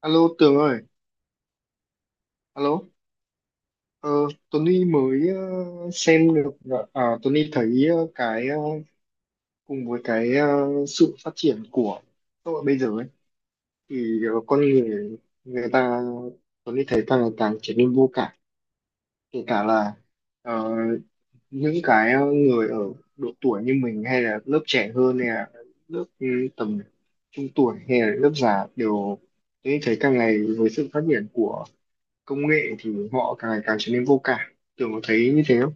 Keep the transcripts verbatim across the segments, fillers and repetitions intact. Alo Tường ơi, alo. Ờ, Tony mới ờ, xem được, ờ, à, Tony thấy ờ, cái ờ, cùng với cái ờ, sự phát triển của xã hội bây giờ ấy, thì ờ, con người người ta Tony thấy càng ngày càng trở nên vô cảm, kể cả là ờ, những cái ờ, người ở độ tuổi như mình hay là lớp trẻ hơn hay là lớp ừ, tầm trung tuổi hay là lớp già đều Tony thấy càng ngày với sự phát triển của công nghệ thì họ càng ngày càng trở nên vô cảm, kiểu có thấy như thế không?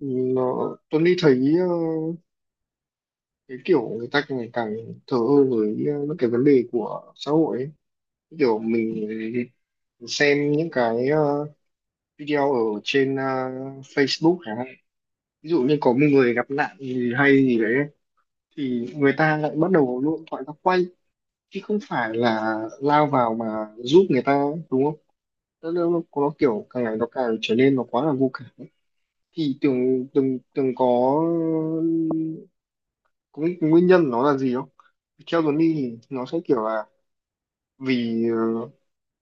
Ừ, nó Tuấn đi thấy ờ, cái kiểu người ta càng ngày càng thờ ơ với ờ, những cái vấn đề của xã hội ấy. Kiểu mình xem những cái ờ, video ở trên ờ, Facebook chẳng hạn, ví dụ như có một người gặp nạn gì hay gì đấy thì người ta lại bắt đầu lộn thoại ra quay chứ không phải là lao vào mà giúp người ta, đúng không? Nó, nó, nó nó kiểu càng ngày nó càng trở nên nó quá là vô cảm. Thì tưởng từng từng có có cái nguyên nhân nó là gì không? Theo Tuấn đi thì nó sẽ kiểu là vì ờ,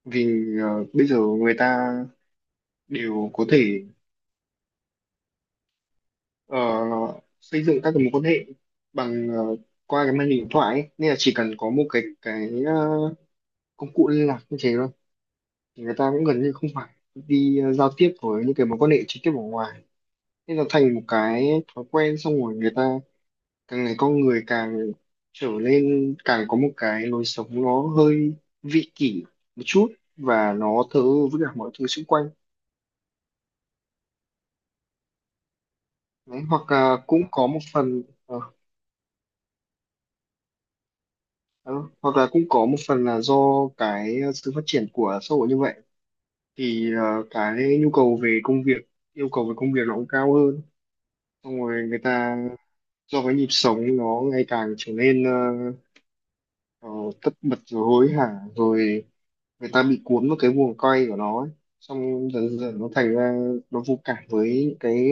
vì ờ, bây giờ người ta đều có thể ờ, xây dựng các cái mối quan hệ bằng ờ, qua cái màn hình điện thoại ấy. Nên là chỉ cần có một cái cái ờ, công cụ liên lạc như thế thôi thì người ta cũng gần như không phải đi ờ, giao tiếp với những cái mối quan hệ trực tiếp ở ngoài, nên là thành một cái thói quen, xong rồi người ta càng ngày con người càng trở nên càng có một cái lối sống nó hơi vị kỷ một chút và nó thờ ơ với cả mọi thứ xung quanh. Đấy, hoặc là cũng có một phần ờ, đó, hoặc là cũng có một phần là do cái sự phát triển của xã hội như vậy thì ờ, cái nhu cầu về công việc, yêu cầu về công việc nó cũng cao hơn, xong rồi người ta do cái nhịp sống nó ngày càng trở nên ờ, ờ, tất bật rồi hối hả, rồi người ta bị cuốn vào cái guồng quay của nó ấy. Xong dần dần nó thành ra nó vô cảm với những cái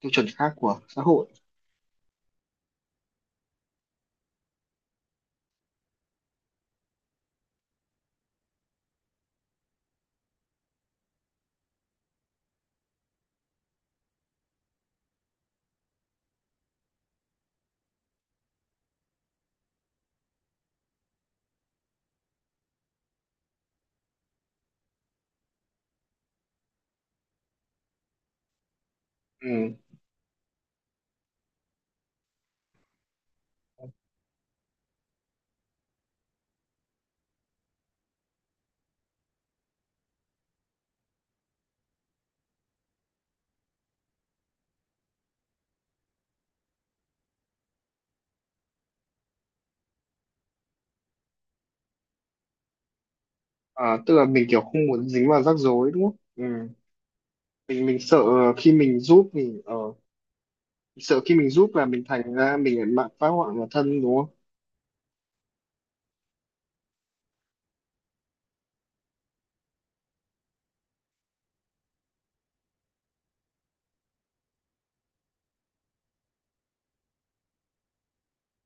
tiêu chuẩn khác của xã hội. Ừ. À, tức là mình kiểu không muốn dính vào rắc rối, đúng không? Ừ. mình mình sợ khi mình giúp mình ờ, sợ khi mình giúp là mình thành ra mình lại mạng phá hoại vào thân, đúng không?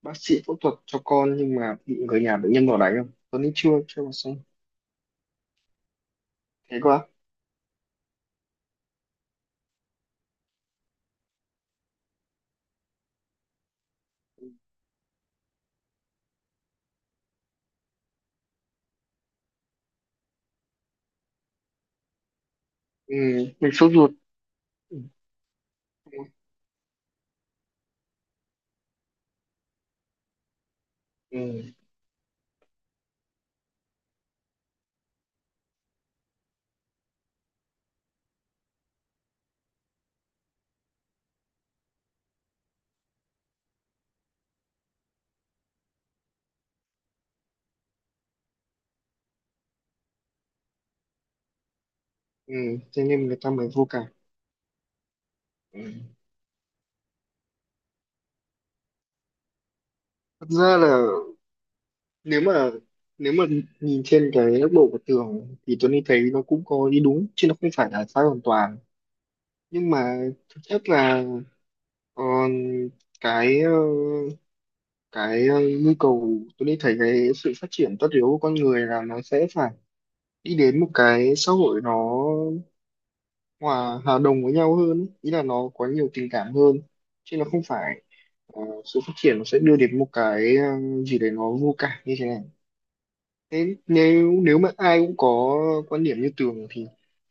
Bác sĩ phẫu thuật cho con nhưng mà bị người nhà bệnh nhân bỏ đánh không Tuấn nghĩ chưa, chưa mà xong. Thế quá. Ừ, mình sốt ruột. Ừ. Ừ. Ừ. Thế nên người ta mới vô cảm. Ừ. Thật ra là nếu mà nếu mà nhìn trên cái góc độ của Tường thì Tony thấy nó cũng có ý đúng chứ nó không phải là sai hoàn toàn. Nhưng mà thực chất là ờ, cái ờ, cái ờ, nhu cầu, Tony thấy cái sự phát triển tất yếu của con người là nó sẽ phải đi đến một cái xã hội nó hòa hòa đồng với nhau hơn ý. Ý là nó có nhiều tình cảm hơn chứ nó không phải ờ, sự phát triển nó sẽ đưa đến một cái ờ, gì đấy nó vô cảm như thế này. Thế nếu nếu mà ai cũng có quan điểm như Tường thì,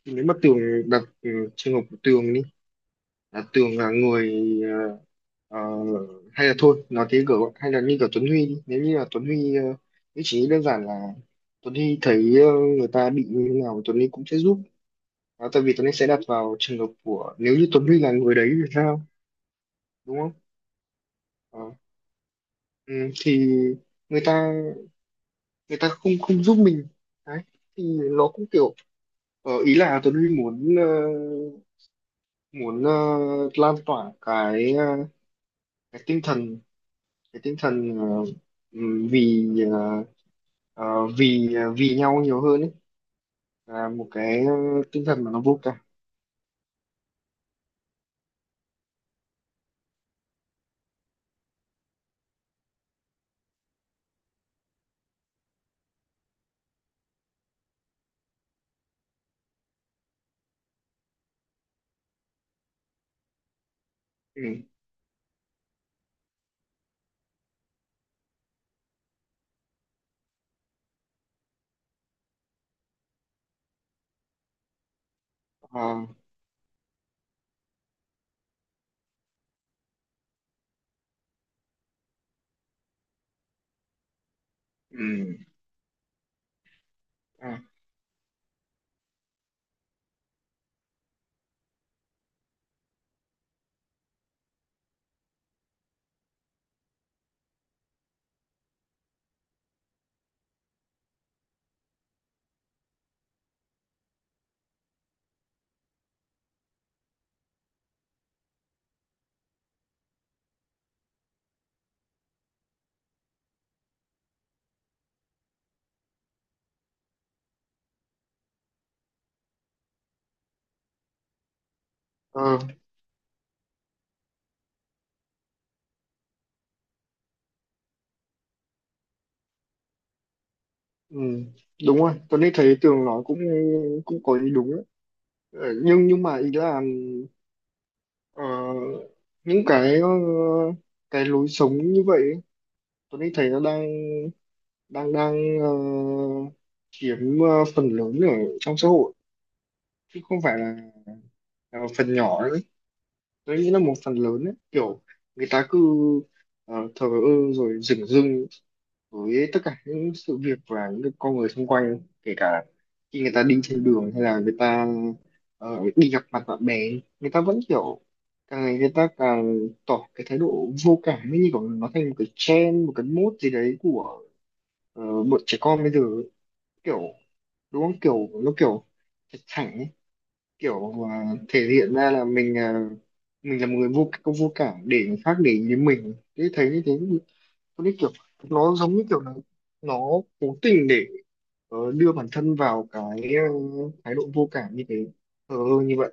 thì nếu mà Tường đặt ừ, trường hợp của Tường đi, là Tường là người ờ, ờ, hay là thôi nói thế kiểu, hay là như kiểu Tuấn Huy đi, nếu như là Tuấn Huy ờ, cũng chỉ đơn giản là Tuấn Huy thấy ờ, người ta bị như thế nào Tuấn Huy cũng sẽ giúp. Đó, tại vì Tuấn Huy sẽ đặt vào trường hợp của, nếu như Tuấn Huy là người đấy thì sao, đúng không? Ờ, ừ, thì người ta người ta không không giúp mình đấy thì nó cũng kiểu. Ờ, ý là Tuấn Huy muốn ờ, muốn ờ, lan tỏa cái ờ, cái tinh thần cái tinh thần ờ, ừm, vì ờ, ờ, vì ờ, vì nhau nhiều hơn ấy, là một cái ờ, tinh thần mà nó vô cảm. Ừ. Ờ, ừ. À, ờ, ừ. Đúng rồi, Tuấn Huy thấy Tường nói cũng cũng có ý đúng đấy. Ờ, nhưng nhưng mà ý là ờ, những cái ờ, cái lối sống như vậy ấy, Tuấn Huy thấy nó đang đang đang ờ, chiếm ờ, phần lớn ở trong xã hội chứ không phải là là phần nhỏ nữa ấy. Tôi nghĩ là một phần lớn ấy. Kiểu người ta cứ uh, thờ ơ rồi dửng dưng với tất cả những sự việc và những con người xung quanh, kể cả khi người ta đi trên đường hay là người ta ờ, đi gặp mặt bạn bè người ta vẫn kiểu càng ngày người ta càng tỏ cái thái độ vô cảm ấy, như kiểu nó thành một cái trend, một cái mốt gì đấy của ờ, bọn trẻ con bây giờ ấy. Kiểu đúng không, kiểu nó kiểu thẳng ấy, kiểu à, thể hiện ra là mình à, mình là một người vô có vô cảm để người khác để ý đến mình thế thấy như thế, có cái kiểu nó giống như kiểu là nó cố tình để ờ, đưa bản thân vào cái ờ, thái độ vô cảm như thế ờ như vậy.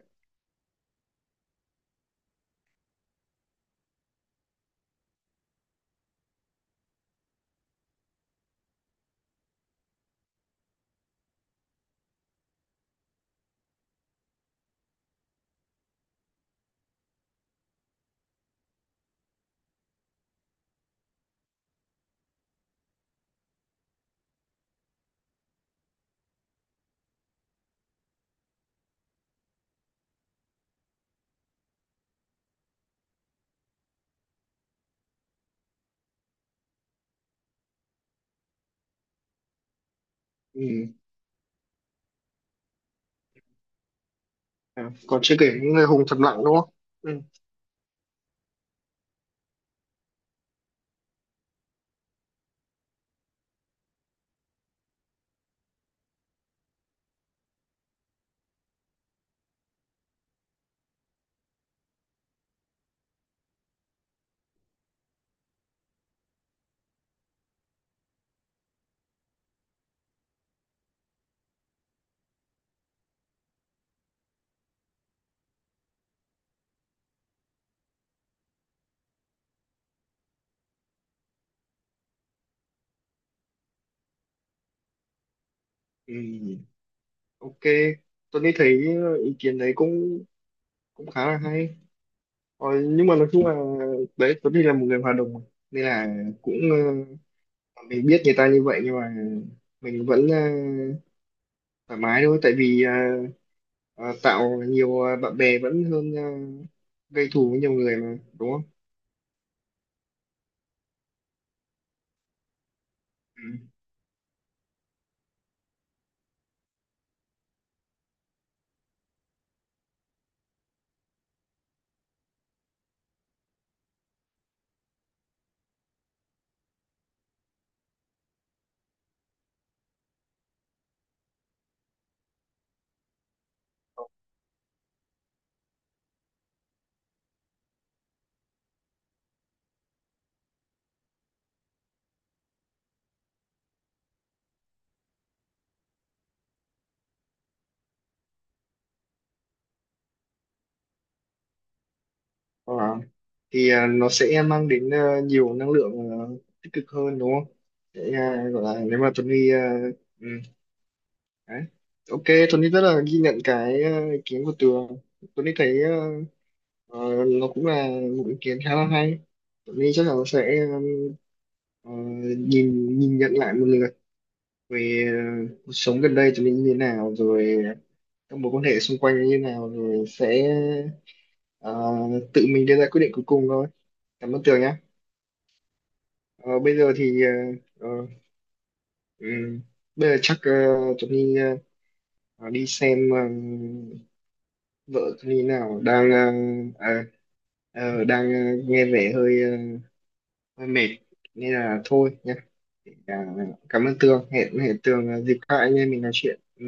Ừ. À, còn chưa kể những người hùng thầm lặng, đúng không? Ừ. Ừ. Ok, tôi nghĩ thấy ờ, ý kiến đấy cũng cũng khá là hay. Ờ, nhưng mà nói chung là đấy, Tuấn thì là một người hòa đồng mà. Nên là cũng ờ, mình biết người ta như vậy nhưng mà mình vẫn ờ, thoải mái thôi, tại vì ờ, ờ, tạo nhiều ờ, bạn bè vẫn hơn ờ, gây thù với nhiều người mà, đúng không? Ừ. Ờ, thì ờ, nó sẽ mang đến ờ, nhiều năng lượng ờ, tích cực hơn, đúng không? Sẽ ờ, gọi là nếu mà Tuấn đi ờ, ừ, đấy. Ok, Tuấn đi rất là ghi nhận cái ờ, ý kiến của Tường. Tuấn đi thấy ờ, Ờ, nó cũng là một ý kiến khá là hay. Tụi mình chắc là sẽ ờ, nhìn nhìn nhận lại một lượt về ờ, cuộc sống gần đây tụi mình như thế nào rồi, các mối quan hệ xung quanh như thế nào, rồi sẽ ờ, tự mình đưa ra quyết định cuối cùng thôi. Cảm ơn Tường nhé. Ờ, bây giờ thì ờ, ờ, ừm, bây giờ chắc uh, tụi mình ờ, ờ, đi xem ờ, vợ tụi mình nào đang ờ, à, ờ, đang ờ, nghe vẻ hơi ờ, hơi mệt nên là thôi nhá. À, cảm ơn Tường, hẹn hẹn Tường à, dịp khác anh em mình nói chuyện. Ừ.